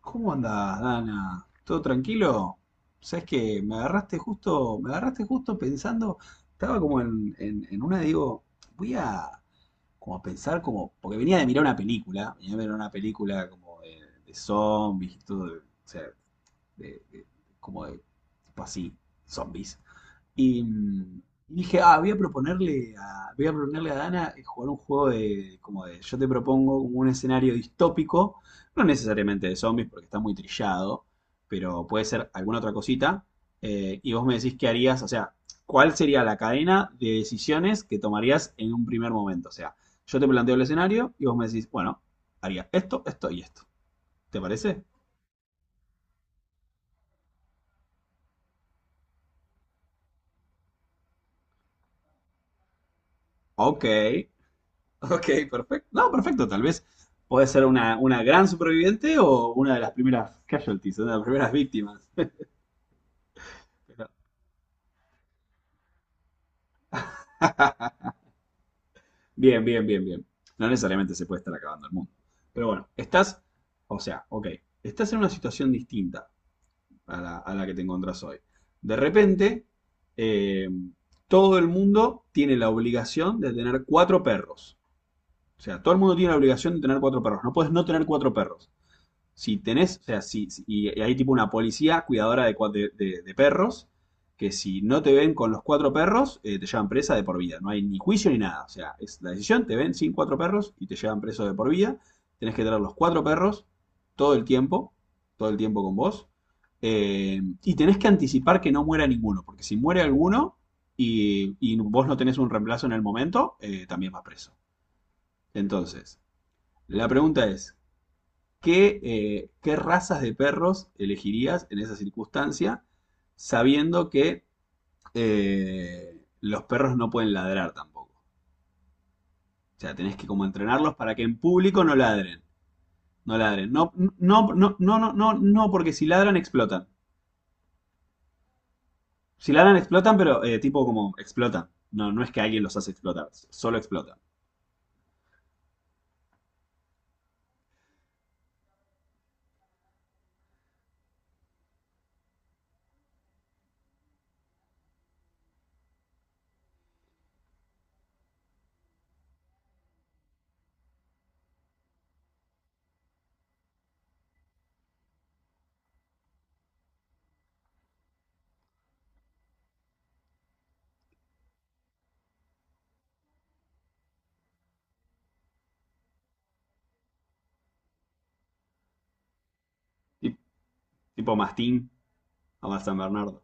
¿Cómo andás, Dana? ¿Todo tranquilo? ¿Sabes que me agarraste justo, me agarraste justo pensando, estaba como en, en una, digo, voy a como a pensar como, porque venía de mirar una película, venía de mirar una película como de zombies y todo, de- o sea, de- de- como de tipo así, zombies. Y, dije, ah, voy a proponerle a, voy a proponerle a Dana jugar un juego de, como de, yo te propongo como un escenario distópico, no necesariamente de zombies porque está muy trillado, pero puede ser alguna otra cosita, y vos me decís qué harías, o sea, cuál sería la cadena de decisiones que tomarías en un primer momento. O sea, yo te planteo el escenario y vos me decís, bueno, haría esto, esto y esto. ¿Te parece? Ok. Ok, perfecto. No, perfecto, tal vez puede ser una gran superviviente o una de las primeras casualties, una de las primeras víctimas. Pero- bien, bien, bien, bien. No necesariamente se puede estar acabando el mundo. Pero bueno, estás, o sea, ok, estás en una situación distinta a la que te encontrás hoy. De repente, eh, todo el mundo tiene la obligación de tener cuatro perros. O sea, todo el mundo tiene la obligación de tener cuatro perros. No puedes no tener cuatro perros. Si tenés, o sea, y hay tipo una policía cuidadora de, de perros, que si no te ven con los cuatro perros, te llevan presa de por vida. No hay ni juicio ni nada. O sea, es la decisión, te ven sin cuatro perros y te llevan preso de por vida. Tenés que tener los cuatro perros todo el tiempo, todo el tiempo con vos. Y tenés que anticipar que no muera ninguno, porque si muere alguno y vos no tenés un reemplazo en el momento, también vas preso. Entonces, la pregunta es, ¿qué, ¿qué razas de perros elegirías en esa circunstancia, sabiendo que los perros no pueden ladrar tampoco? O sea, tenés que como entrenarlos para que en público no ladren. No ladren. No, no, no, no, no, no, no, porque si ladran explotan. Si ladran explotan, pero tipo como explotan. No, no es que alguien los hace explotar, solo explotan. Tip- Tipo Mastín o San Bernardo.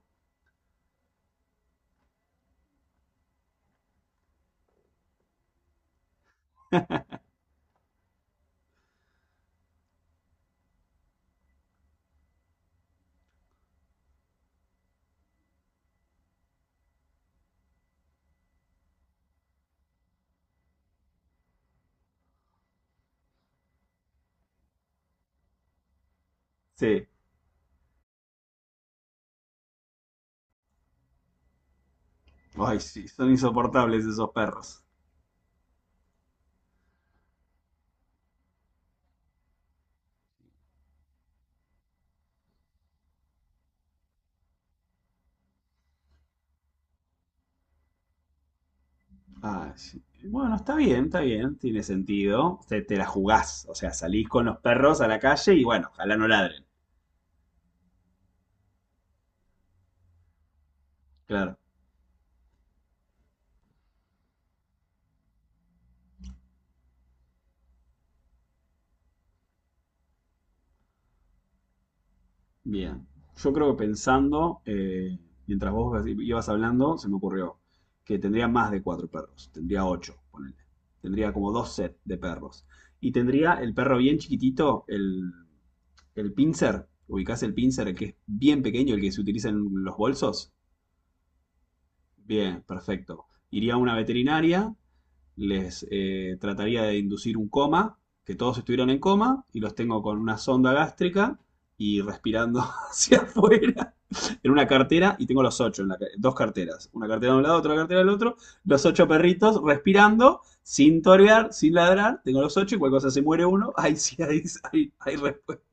Sí. Ay, sí, son insoportables esos perros. Ah, sí. Bueno, está bien, tiene sentido. Te la jugás, o sea, salís con los perros a la calle y bueno, ojalá no ladren. Claro, bien. Yo creo que pensando, mientras vos ibas hablando, se me ocurrió que tendría más de cuatro perros, tendría ocho, ponele. Tendría como dos sets de perros. Y tendría el perro bien chiquitito, el pincer, ubicás el pincer, el que es bien pequeño, el que se utiliza en los bolsos. Bien, perfecto. Iría a una veterinaria, les trataría de inducir un coma, que todos estuvieron en coma, y los tengo con una sonda gástrica y respirando hacia afuera en una cartera, y tengo los ocho, en la dos carteras, una cartera de un lado, otra cartera del otro, los ocho perritos respirando, sin torear, sin ladrar, tengo los ocho, y cualquier cosa se muere uno, ahí sí, ahí, sí, ahí, ahí respuesta.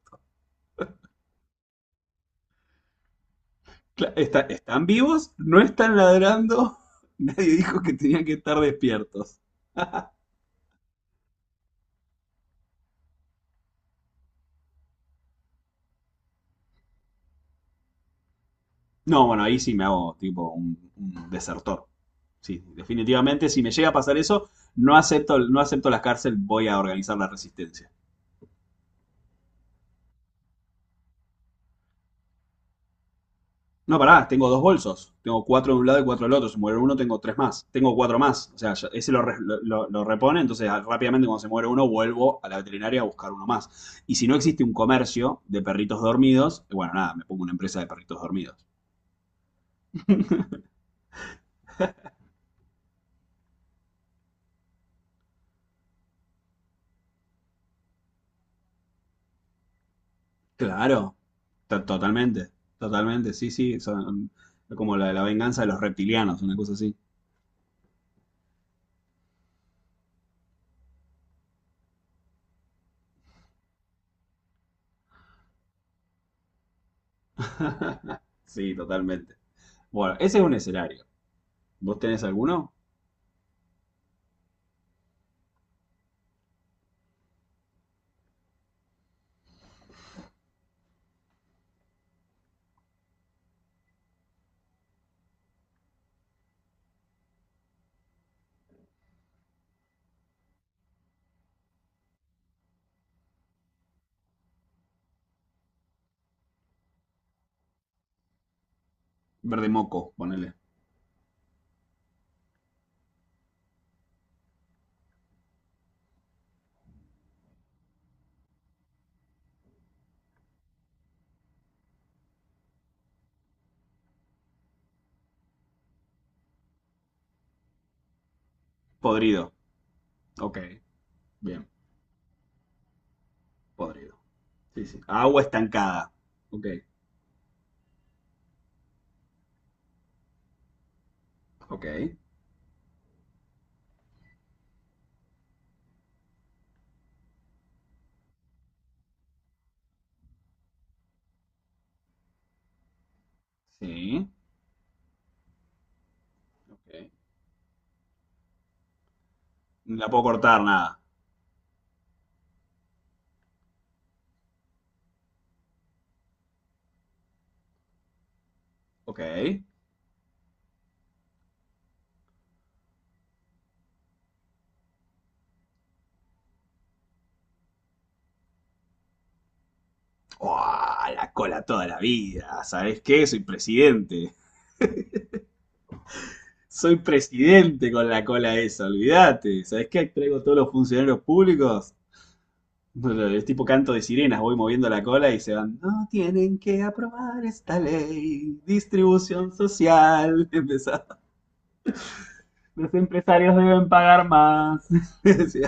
Están vivos, no están ladrando, nadie dijo que tenían que estar despiertos. No, bueno, ahí sí me hago tipo un desertor. Sí, definitivamente, si me llega a pasar eso, no acepto, no acepto la cárcel, voy a organizar la resistencia. No, pará, tengo dos bolsos. Tengo cuatro de un lado y cuatro del otro. Si muere uno, tengo tres más. Tengo cuatro más. O sea, ese lo, lo repone, entonces ah, rápidamente cuando se muere uno, vuelvo a la veterinaria a buscar uno más. Y si no existe un comercio de perritos dormidos, bueno, nada, me pongo una empresa de perritos dormidos. Claro, totalmente, totalmente, sí, sí, son como la venganza de los reptilianos, una cosa así. Sí, totalmente. Bueno, ese es un escenario. ¿Vos tenés alguno? Verde moco, ponele. Podrido. Ok, bien, podrido. Sí, sí. Agua estancada. Ok, ok. Sí, ok. No la puedo cortar nada. Ok. ¡Uah! La cola toda la vida. ¿Sabés qué? Soy presidente. Soy presidente con la cola esa, olvídate. ¿Sabes qué? Traigo todos los funcionarios públicos. No, no, es tipo canto de sirenas, voy moviendo la cola y se van. No tienen que aprobar esta ley. Distribución social. Empezaba, los empresarios deben pagar más. Sí,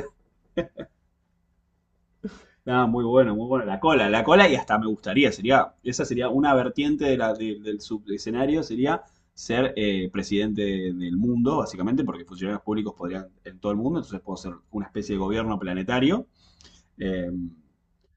ah, muy bueno, muy bueno. La cola y hasta me gustaría, sería, esa sería una vertiente de la, del subescenario, sería ser presidente del mundo, básicamente, porque funcionarios públicos podrían en todo el mundo, entonces puedo ser una especie de gobierno planetario. eh,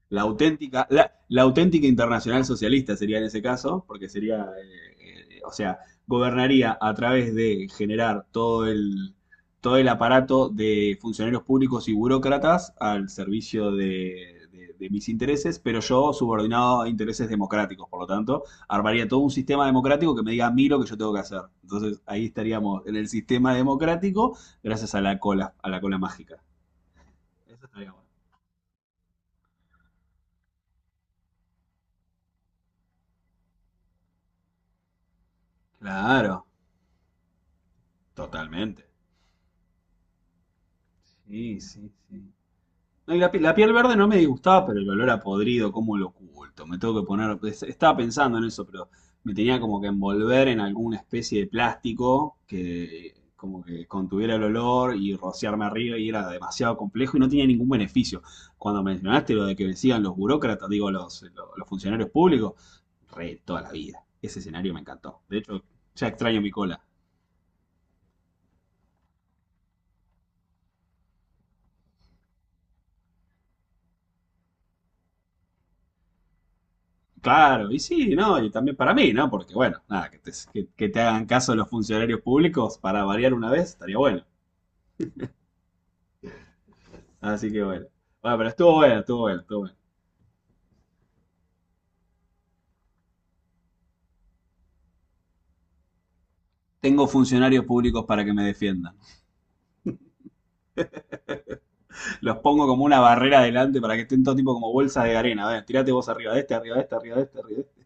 la auténtica, la auténtica internacional socialista sería en ese caso, porque sería, o sea, gobernaría a través de generar todo el aparato de funcionarios públicos y burócratas al servicio de, de mis intereses, pero yo subordinado a intereses democráticos, por lo tanto, armaría todo un sistema democrático que me diga a mí lo que yo tengo que hacer. Entonces, ahí estaríamos en el sistema democrático gracias a la cola mágica. Eso estaría bueno. Claro. Totalmente. Sí, sí, sí. No, y la, la piel verde no me disgustaba, pero el olor a podrido, cómo lo oculto. Me tengo que poner. Estaba pensando en eso, pero me tenía como que envolver en alguna especie de plástico que como que contuviera el olor y rociarme arriba y era demasiado complejo y no tenía ningún beneficio. Cuando mencionaste lo de que decían los burócratas, digo, los, los funcionarios públicos, re toda la vida. Ese escenario me encantó. De hecho, ya extraño mi cola. Claro, y sí, no, y también para mí, ¿no? Porque bueno, nada, que te hagan caso los funcionarios públicos para variar una vez estaría bueno. Así que bueno. Bueno, pero estuvo bueno, estuvo bueno, estuvo bueno. Tengo funcionarios públicos para que me defiendan. Los pongo como una barrera adelante para que estén todo tipo como bolsas de arena. A ver, tirate vos arriba de este, arriba de este, arriba de este, arriba de este.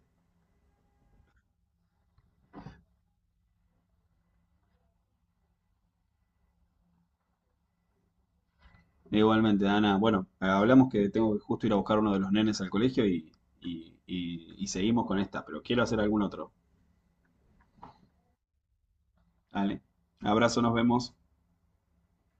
Igualmente, Ana, bueno, hablamos que tengo que justo ir a buscar uno de los nenes al colegio y seguimos con esta, pero quiero hacer algún otro. Dale. Abrazo, nos vemos.